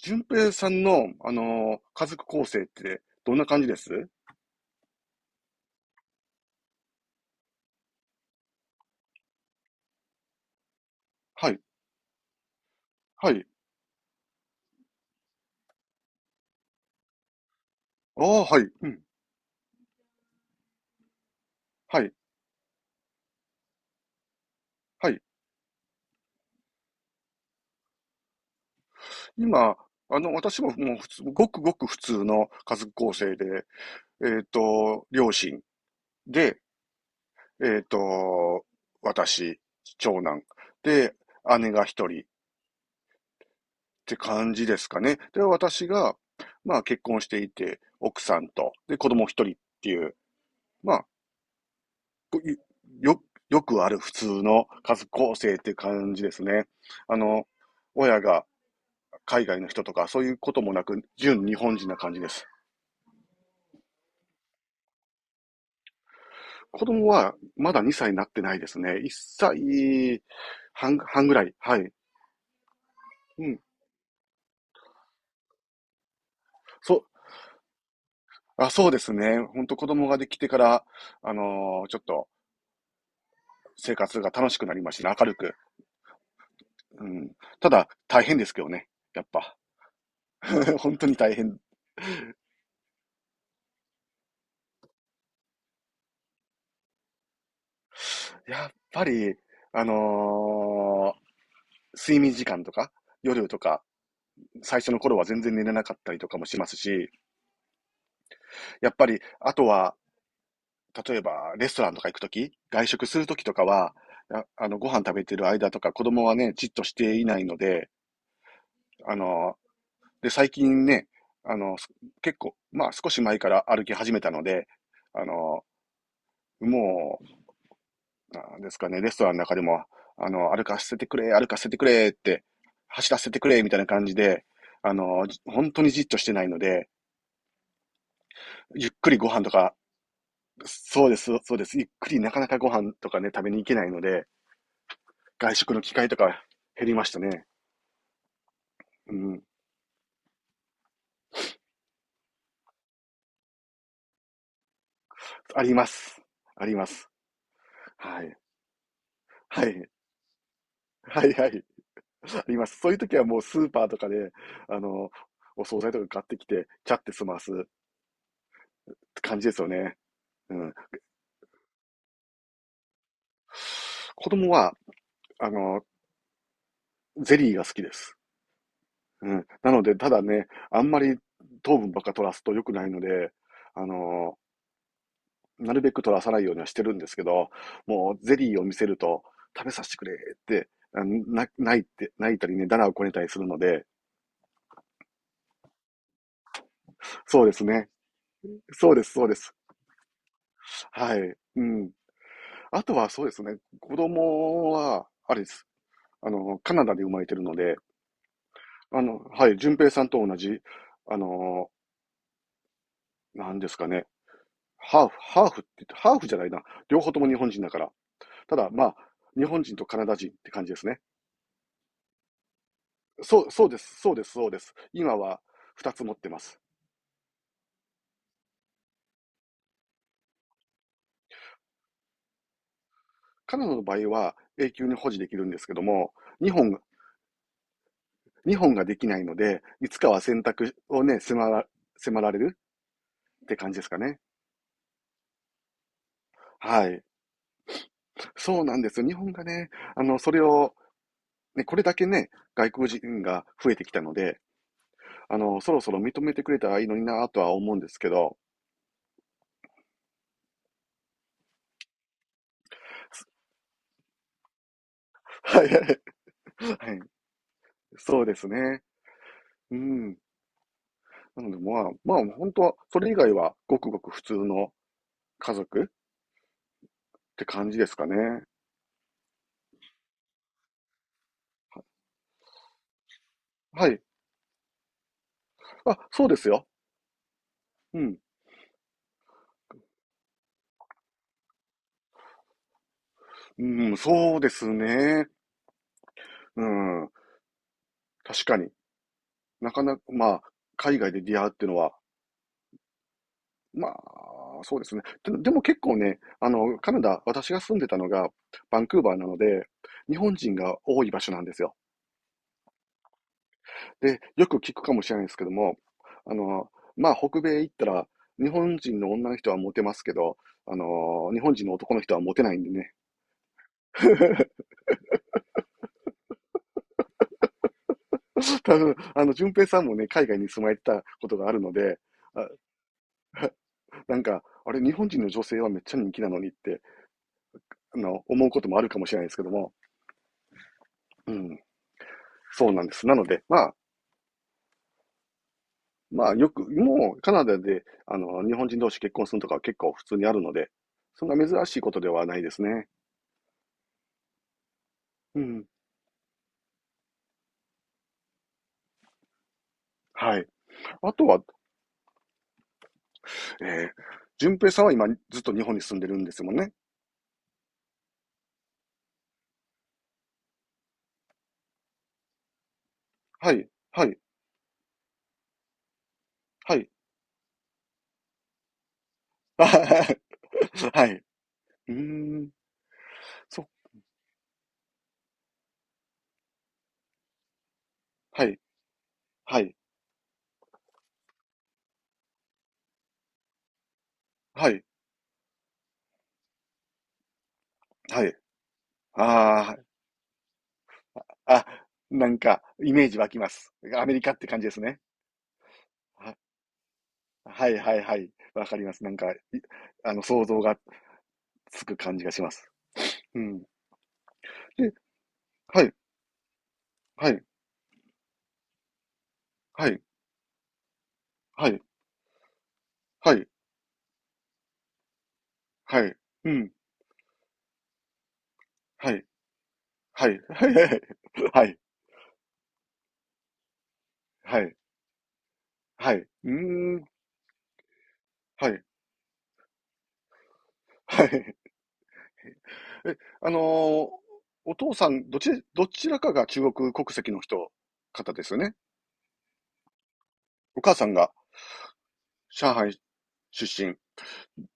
順平さんの、家族構成ってどんな感じですはい、はい。ああ、はい、うん、はい、はい。今、あの、私ももう普通、ごくごく普通の家族構成で、両親で、えっと、私、長男で、姉が一人って感じですかね。で、私が、まあ結婚していて、奥さんと、で、子供一人っていう、まあ、こいよ、よくある普通の家族構成っていう感じですね。あの、親が海外の人とかそういうこともなく、純日本人な感じです。子供はまだ2歳になってないですね。1歳半、半ぐらい。はい。うん。そう、あ、そうですね。ほんと子供ができてから、ちょっと生活が楽しくなりましたね。明るく。うん。ただ、大変ですけどね。やっぱ。本当に大変。やっぱり、あの、睡眠時間とか、夜とか、最初の頃は全然寝れなかったりとかもしますし、やっぱり、あとは、例えば、レストランとか行くとき、外食するときとかは、あの、ご飯食べてる間とか、子供はね、じっとしていないので、あの、で、最近ね、あの、結構、まあ少し前から歩き始めたので、あの、もう、なんですかね、レストランの中でも、あの、歩かせてくれって、走らせてくれ、みたいな感じで、あの、本当にじっとしてないので、ゆっくりご飯とか、そうです、そうです。ゆっくりなかなかご飯とかね、食べに行けないので、外食の機会とか減りましたね。うん。あります。あります。はい。はい。はいはい。あります。そういう時はもうスーパーとかで、あの、お惣菜とか買ってきて、ちゃって済ますって感じですよね。うん。子供は、あの、ゼリーが好きです。うん。なので、ただね、あんまり糖分ばっか取らすと良くないので、あの、なるべく取らさないようにはしてるんですけど、もうゼリーを見せると、食べさせてくれって、あ、泣いて、泣いたりね、だらをこねたりするので、そうですね。そうです、そうです。はい。うん。あとはそうですね、子供は、あれです。あの、カナダで生まれてるので、あの、はい、順平さんと同じ、あの、なんですかね、ハーフって言って、ハーフじゃないな。両方とも日本人だから。ただ、まあ、日本人とカナダ人って感じですね。そう、そうです、そうです、そうです。今は2つ持ってます。カナダの場合は永久に保持できるんですけども、日本が、日本ができないので、いつかは選択をね、迫られるって感じですかね。はい。そうなんです。日本がね、あの、それを、ね、これだけね、外国人が増えてきたので、あの、そろそろ認めてくれたらいいのになぁとは思うんですけど、はいはい、はい、そうですね。うん。なので、まあ、まあ、本当は、それ以外はごくごく普通の家族って感じですかね。はい。あ、そうですよ。うん。うん、そうですね。うん。確かに。なかなか、まあ、海外で出会うっていうのは、まあ、そうですね。で、でも結構ね、あの、カナダ、私が住んでたのがバンクーバーなので、日本人が多い場所なんですよ。で、よく聞くかもしれないですけども、あの、まあ、北米行ったら、日本人の女の人はモテますけど、あの、日本人の男の人はモテないんでね。多分、あの、淳平さんもね、海外に住まれてたことがあるので、あ、なんか、あれ、日本人の女性はめっちゃ人気なのにって、あの、思うこともあるかもしれないですけども、うん、そうなんです。なので、まあ、まあ、よく、もう、カナダで、あの、日本人同士結婚するとかは結構普通にあるので、そんな珍しいことではないですね。うん。はい。あとは、えー、淳平さんは今、ずっと日本に住んでるんですもんね。はい、はい、はい。あははは はい。うーん、そう、はい、はい、はい。はい。ああ、あ、なんか、イメージ湧きます。アメリカって感じですね。は、はいはいはい。わかります。なんか、い、あの、想像がつく感じがします。うん。で、はい、はい、はい、はい、はい、はい、うん、はい、はい、はい、はい、はい、はい、はい、うーん、はい、はい。え、お父さん、どち、どちらかが中国国籍の人、方ですよね？お母さんが上海出身。っ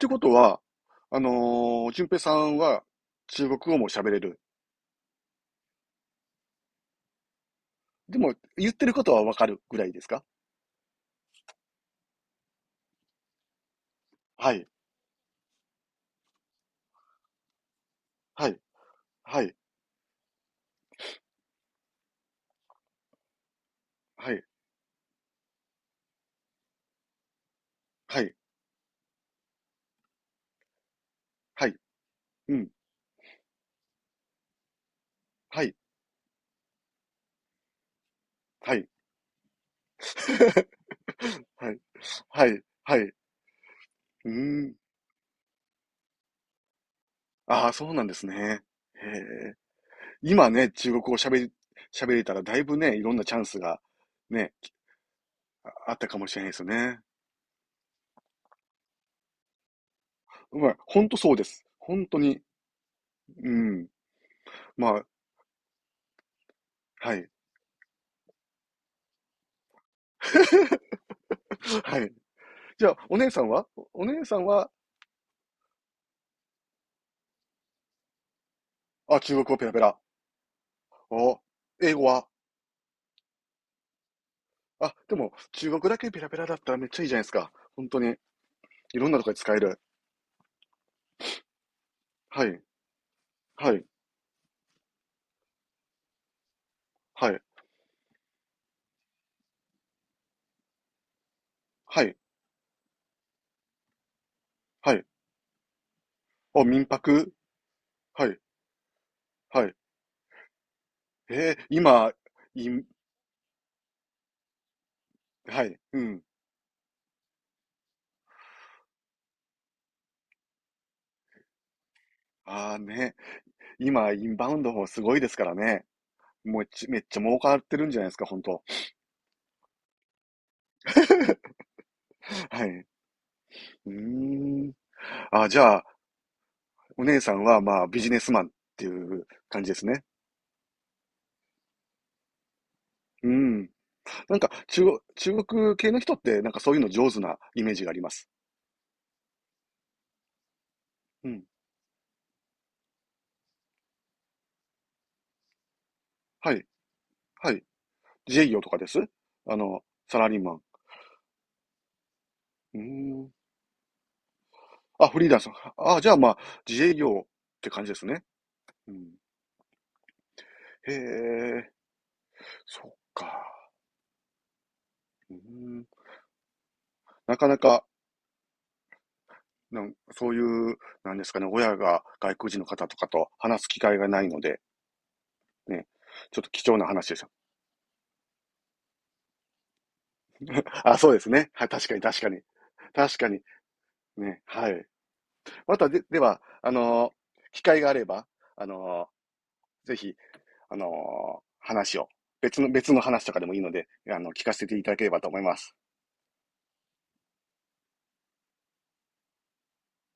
てことは、あの淳平さんは中国語も喋れる？でも、言ってることはわかるぐらいですか？はい、はい、はい、はい、はい、はい、うん、はい、はい。はい、はい、はい、うーん。ああ、そうなんですね。へえ。今ね、中国語を喋り、喋れたらだいぶね、いろんなチャンスがね、あったかもしれないですよね。まあ、ほんとそうです。本当に。うん。まあ、はい。はい。じゃあ、お姉さんは、あ、中国語ペラペラ。お、英語は、あ、でも、中国だけペラペラだったらめっちゃいいじゃないですか。本当に。いろんなとこで使える。はい、はい、はい、はい、はい。お、民泊、はい、はい。今、イン、はい、うん。ああね、今、インバウンドもすごいですからね。もうち、めっちゃ儲かってるんじゃないですか、本当。はい。うーん。あ、じゃあ、お姉さんは、まあ、ビジネスマンっていう感じですね。うん。なんか、中国系の人って、なんかそういうの上手なイメージがあります。うん。はい。はい。自営業とかですあの、サラリーマン。うん。あ、フリーランス。あ、じゃあまあ、自営業って感じですね。うん。へえ、そっか。うん。なかなか、なんそういう、なんですかね、親が外国人の方とかと話す機会がないので、ね。ちょっと貴重な話ですよ。あ、そうですね。はい、確かに確かに。確かに。ね、はい。またで、では、機会があれば、あのぜひ、あのー話を、別の、別の話とかでもいいので、あの、聞かせていただければと思います。